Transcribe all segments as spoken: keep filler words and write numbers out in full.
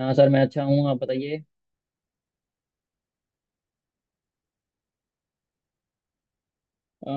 हाँ सर मैं अच्छा हूँ, आप बताइए। अ,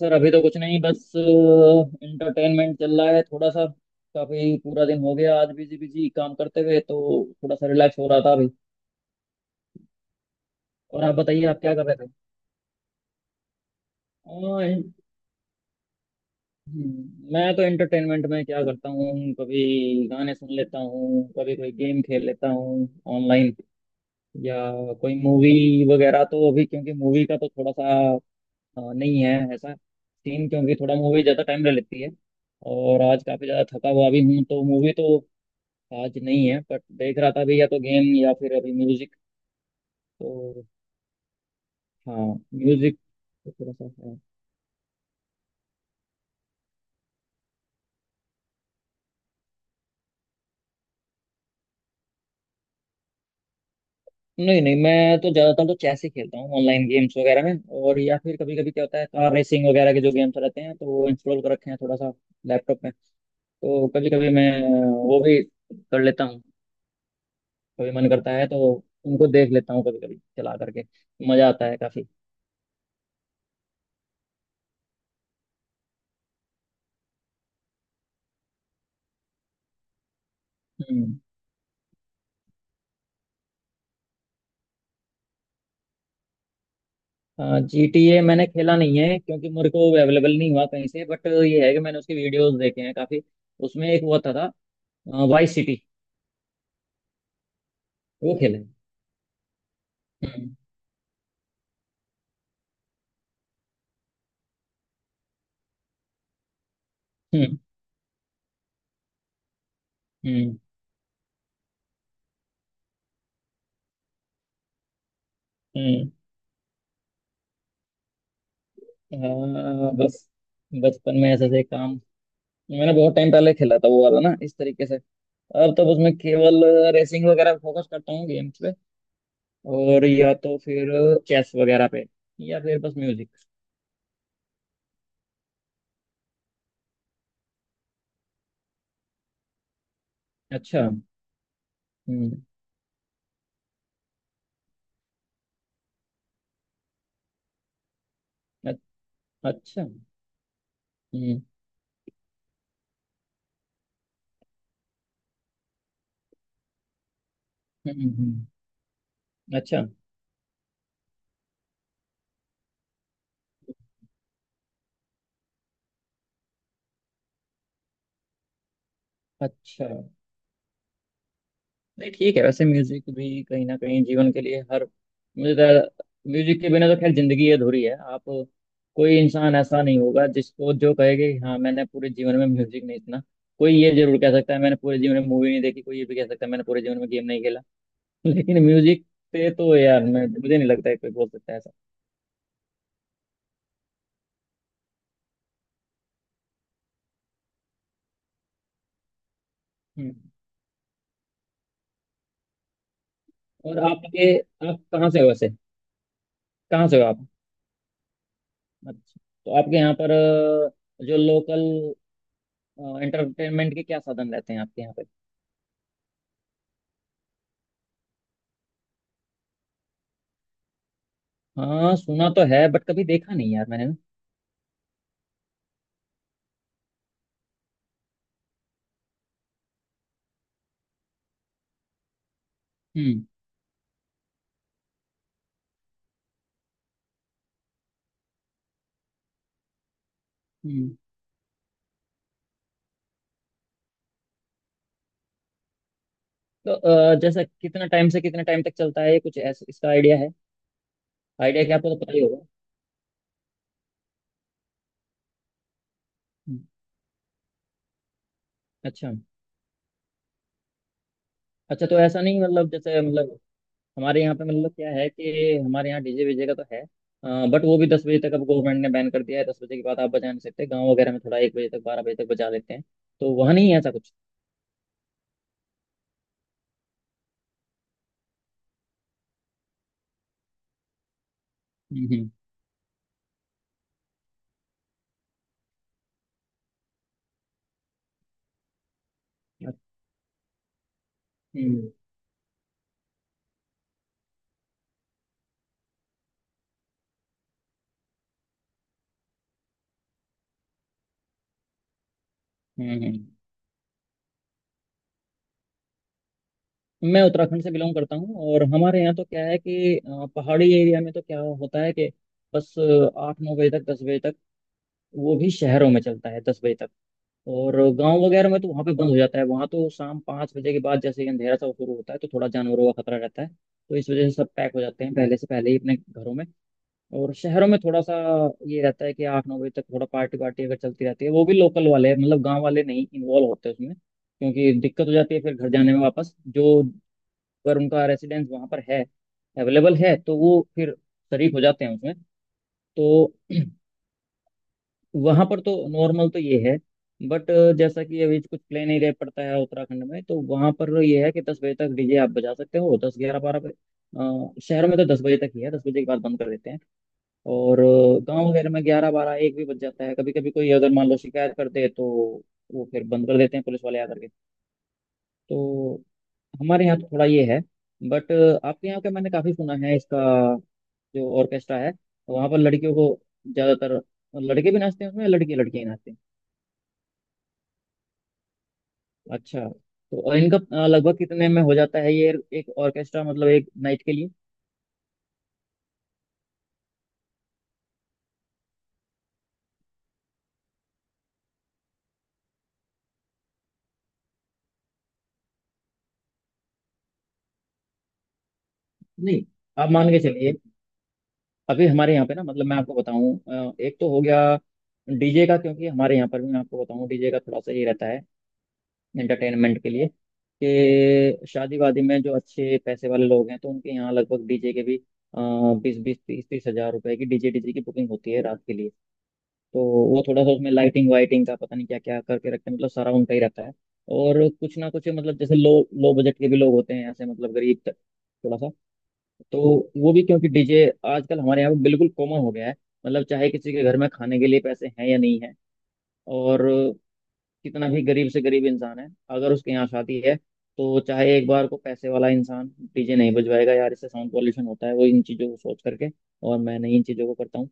सर अभी तो कुछ नहीं, बस इंटरटेनमेंट चल रहा है थोड़ा सा। काफी पूरा दिन हो गया आज बिजी बिजी काम करते हुए, तो थोड़ा सा रिलैक्स हो रहा था अभी। और आप बताइए, आप क्या कर रहे थे? अ, इन- हम्म, मैं तो एंटरटेनमेंट में क्या करता हूँ, कभी गाने सुन लेता हूँ, कभी कोई गेम खेल लेता हूँ ऑनलाइन, या कोई मूवी वगैरह। तो अभी क्योंकि मूवी का तो थोड़ा सा अ, नहीं है ऐसा सीन, क्योंकि थोड़ा मूवी ज़्यादा टाइम ले लेती है, और आज काफ़ी ज़्यादा थका हुआ भी हूँ, तो मूवी तो आज नहीं है। बट देख रहा था अभी, या तो गेम या फिर अभी म्यूजिक, तो। हाँ म्यूजिक तो थोड़ा सा है। नहीं नहीं, मैं तो ज़्यादातर तो चेस ही खेलता हूँ ऑनलाइन गेम्स वगैरह में। और या फिर कभी कभी क्या होता है, कार रेसिंग वगैरह के जो गेम्स रहते हैं तो वो इंस्टॉल कर रखे हैं थोड़ा सा लैपटॉप में। तो कभी कभी मैं वो भी कर लेता हूँ, कभी मन करता है तो। उनको देख लेता हूँ कभी कभी चला करके, मज़ा आता है काफ़ी। हम्म। जीटीए मैंने खेला नहीं है, क्योंकि मेरे को अवेलेबल नहीं हुआ कहीं से, बट ये है कि मैंने उसके वीडियोस देखे हैं काफी। उसमें एक वो था, था वाइस सिटी, वो खेला है। हम्म। हम्म। हम्म। हम्म। हाँ बस, बचपन में ऐसे से काम। मैंने बहुत टाइम पहले खेला था वो वाला ना इस तरीके से। अब तो उसमें केवल रेसिंग वगैरह फोकस करता हूँ गेम्स पे, और या तो फिर चेस वगैरह पे, या फिर बस म्यूजिक। अच्छा। हम्म। अ- अच्छा। हम्म। हम्म। हम्म, हम्म, अच्छा। अच्छा। नहीं ठीक है, वैसे म्यूजिक भी कहीं ना कहीं जीवन के लिए हर। मुझे तो म्यूजिक के बिना तो खैर जिंदगी अधूरी है, आप। कोई इंसान ऐसा नहीं होगा जिसको, जो कहेगा कि हाँ मैंने पूरे जीवन में म्यूजिक नहीं सुना। कोई ये जरूर कह सकता है मैंने पूरे जीवन में मूवी नहीं देखी, कोई ये भी कह सकता है मैंने पूरे जीवन में गेम नहीं खेला। लेकिन म्यूजिक से तो यार, मैं, मुझे नहीं लगता है कोई बोल सकता है ऐसा। हम्म। और आपके, आप कहाँ से हो वैसे? कहाँ से हो आप? अच्छा, तो आपके यहाँ पर अ, जो लोकल एंटरटेनमेंट के क्या साधन रहते हैं आपके यहाँ पे? हाँ सुना तो है बट कभी देखा नहीं यार मैंने ना। हम्म। हम्म। तो अ, जैसा कितना टाइम से कितना टाइम तक चलता है ये, कुछ ऐसा इसका आइडिया है? आइडिया क्या, आपको तो पता ही होगा। हम्म, अच्छा। अच्छा, तो ऐसा नहीं मतलब, जैसे मतलब हमारे यहाँ पे मतलब क्या है कि हमारे यहाँ डीजे वीजे का तो है, बट वो भी दस बजे तक। अब गवर्नमेंट ने बैन कर दिया है, दस बजे के बाद आप बजा नहीं सकते। गाँव वगैरह में थोड़ा एक बजे तक बारह बजे तक बजा लेते हैं, तो वहाँ नहीं है ऐसा कुछ। हम्म। हम्म। हम्म। हम्म। हम्म। मैं उत्तराखंड से बिलोंग करता हूँ, और हमारे यहाँ तो क्या है कि अ, पहाड़ी एरिया में तो क्या होता है कि बस अ, आठ नौ बजे तक, दस बजे तक। वो भी शहरों में चलता है दस बजे तक, और गांव वगैरह में तो वहाँ पे बंद हो जाता है। वहाँ तो शाम पाँच बजे के बाद जैसे ही अंधेरा सा शुरू होता है, तो थोड़ा जानवरों का खतरा रहता है, तो इस वजह से सब पैक हो जाते हैं पहले से पहले ही अपने घरों में। और शहरों में थोड़ा सा ये रहता है कि आठ नौ बजे तक थोड़ा पार्टी वार्टी अगर चलती रहती है, वो भी लोकल वाले, मतलब गांव वाले नहीं इन्वॉल्व होते उसमें, क्योंकि दिक्कत हो जाती है फिर घर जाने में वापस। जो अगर उनका रेसिडेंस वहाँ पर है, अवेलेबल है, तो वो फिर शरीक हो जाते हैं उसमें। तो वहाँ पर तो नॉर्मल तो ये है, बट जैसा कि अभी कुछ प्लेन एरिया पड़ता है उत्तराखंड में, तो वहाँ पर ये है कि दस बजे तक डीजे आप बजा सकते हो, दस ग्यारह बारह बजे शहरों में। तो दस बजे तक ही है, दस बजे के बाद बंद कर देते हैं। और गांव वगैरह में ग्यारह बारह एक भी बज जाता है, कभी कभी कोई अगर मान लो शिकायत कर दे, तो वो फिर बंद कर देते हैं पुलिस वाले आकर के। तो हमारे यहाँ तो थोड़ा ये है, बट आपके यहाँ का मैंने काफी सुना है इसका, जो ऑर्केस्ट्रा है, वहाँ पर लड़कियों को ज़्यादातर, लड़के भी नाचते हैं उसमें, लड़के लड़कियाँ ही नाचते हैं? अच्छा, तो और इनका अ, लगभग कितने में हो जाता है ये, एक ऑर्केस्ट्रा मतलब, एक नाइट के लिए? नहीं, आप मान के चलिए। अभी हमारे यहाँ पे ना, मतलब मैं आपको बताऊं, अ, एक तो हो गया डीजे का, क्योंकि हमारे यहाँ पर भी मैं आपको बताऊं, डीजे का थोड़ा सा ये रहता है एंटरटेनमेंट के लिए, कि शादी वादी में जो अच्छे पैसे वाले लोग हैं, तो उनके यहाँ लगभग डीजे के भी बीस बीस तीस तीस हजार रुपए की डीजे डीजे की बुकिंग होती है रात के लिए। तो वो थोड़ा सा उसमें लाइटिंग वाइटिंग का पता नहीं क्या क्या करके रखते हैं, मतलब सारा उनका ही रहता है। और कुछ ना कुछ मतलब, जैसे लो लो बजट के भी लोग होते हैं ऐसे, मतलब गरीब त- थोड़ा सा, तो वो भी। क्योंकि डीजे आजकल हमारे यहाँ पे बिल्कुल कॉमन हो गया है, मतलब चाहे किसी के घर में खाने के लिए पैसे हैं या नहीं है, और कितना भी गरीब से गरीब इंसान है, अगर उसके यहाँ शादी है तो, चाहे एक बार को पैसे वाला इंसान डीजे नहीं बजवाएगा यार, इससे साउंड पॉल्यूशन होता है वो, इन चीज़ों को सोच करके, और मैं नहीं इन चीज़ों को करता हूँ,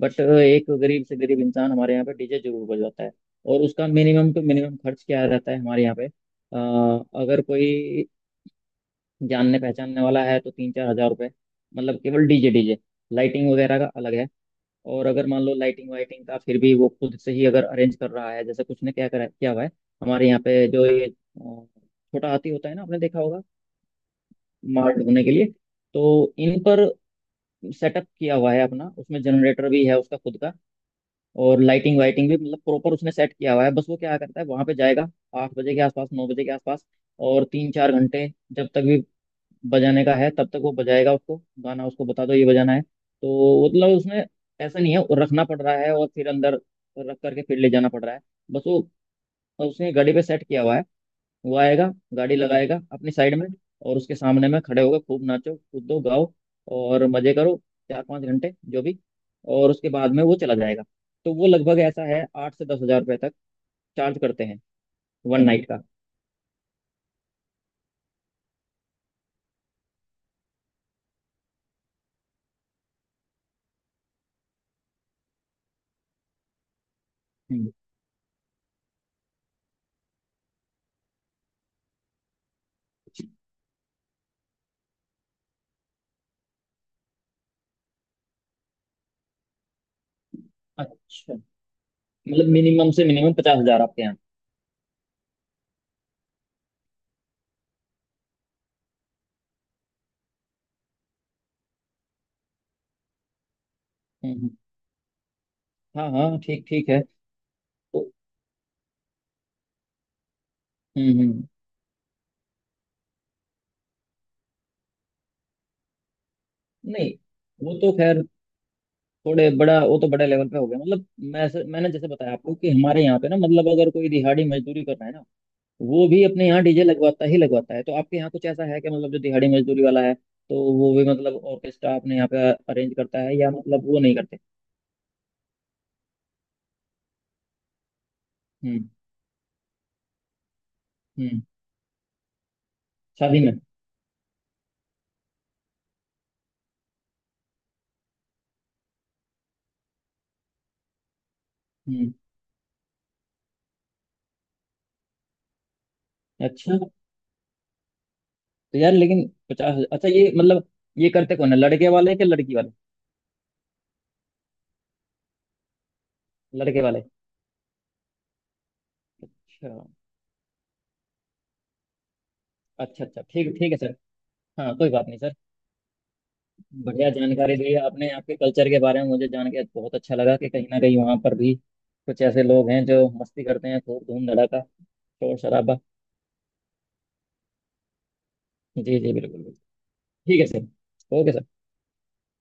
बट एक गरीब से गरीब इंसान हमारे यहाँ पे डीजे जरूर बजवाता है। और उसका मिनिमम टू मिनिमम खर्च क्या रहता है हमारे यहाँ पे, अ, अगर कोई जानने पहचानने वाला है तो तीन चार हजार रुपये, मतलब केवल डीजे डीजे। लाइटिंग वगैरह का अलग है। और अगर मान लो लाइटिंग वाइटिंग का फिर भी वो खुद से ही अगर अरेंज कर रहा है, जैसे कुछ ने क्या करा क्या हुआ है, हमारे यहाँ पे जो ये अ, छोटा हाथी होता है ना, आपने देखा होगा, माल ढोने के लिए। तो इन पर सेटअप किया हुआ है अपना, उसमें जनरेटर भी है उसका खुद का, और लाइटिंग वाइटिंग भी, मतलब प्रॉपर उसने सेट किया हुआ है। बस वो क्या करता है, वहां पे जाएगा आठ बजे के आसपास, नौ बजे के आसपास, और तीन चार घंटे जब तक भी बजाने का है, तब तक वो बजाएगा उसको। गाना उसको बता दो ये बजाना है, तो मतलब उसने, ऐसा नहीं है वो रखना पड़ रहा है और फिर अंदर रख करके फिर ले जाना पड़ रहा है, बस वो, उसने गाड़ी पे सेट किया हुआ है। वो आएगा, गाड़ी लगाएगा अपनी साइड में, और उसके सामने में खड़े होकर खूब नाचो कूदो गाओ और मजे करो चार पांच घंटे जो भी, और उसके बाद में वो चला जाएगा। तो वो लगभग ऐसा है, आठ से दस हजार रुपये तक चार्ज करते हैं वन नाइट का। हम्म। अच्छा, मतलब मिनिमम से मिनिमम पचास हजार आपके यहाँ? हम्म। हम्म। हाँ हाँ ठीक ठीक है, तो। हम्म। हम्म। नहीं, वो तो खैर थोड़े बड़ा, वो तो बड़ा लेवल पे हो गया मतलब। मैं मैंने जैसे बताया आपको कि हमारे यहाँ पे ना, मतलब अगर कोई दिहाड़ी मजदूरी कर रहा है ना, वो भी अपने यहाँ डीजे लगवाता ही लगवाता है, तो आपके यहाँ कुछ ऐसा है कि मतलब जो दिहाड़ी मजदूरी वाला है तो वो भी मतलब ऑर्केस्ट्रा अपने यहाँ पे अरेंज करता है, या मतलब वो नहीं करते? हम्म। हम्म। शादी में। हम्म। अच्छा, तो यार लेकिन पचास, अच्छा ये मतलब, ये करते कौन है, लड़के वाले के लड़की वाले? लड़के वाले। अच्छा। अच्छा अच्छा ठीक ठीक है सर, हाँ कोई बात नहीं सर। बढ़िया जानकारी दी आपने आपके कल्चर के बारे में, मुझे जान के बहुत अच्छा लगा कि कहीं ना कहीं वहाँ पर भी कुछ ऐसे लोग हैं जो मस्ती करते हैं, खूब धूम धड़ाका शोर शराबा। जी जी बिल्कुल बिल्कुल। ठीक है सर। Okay sir.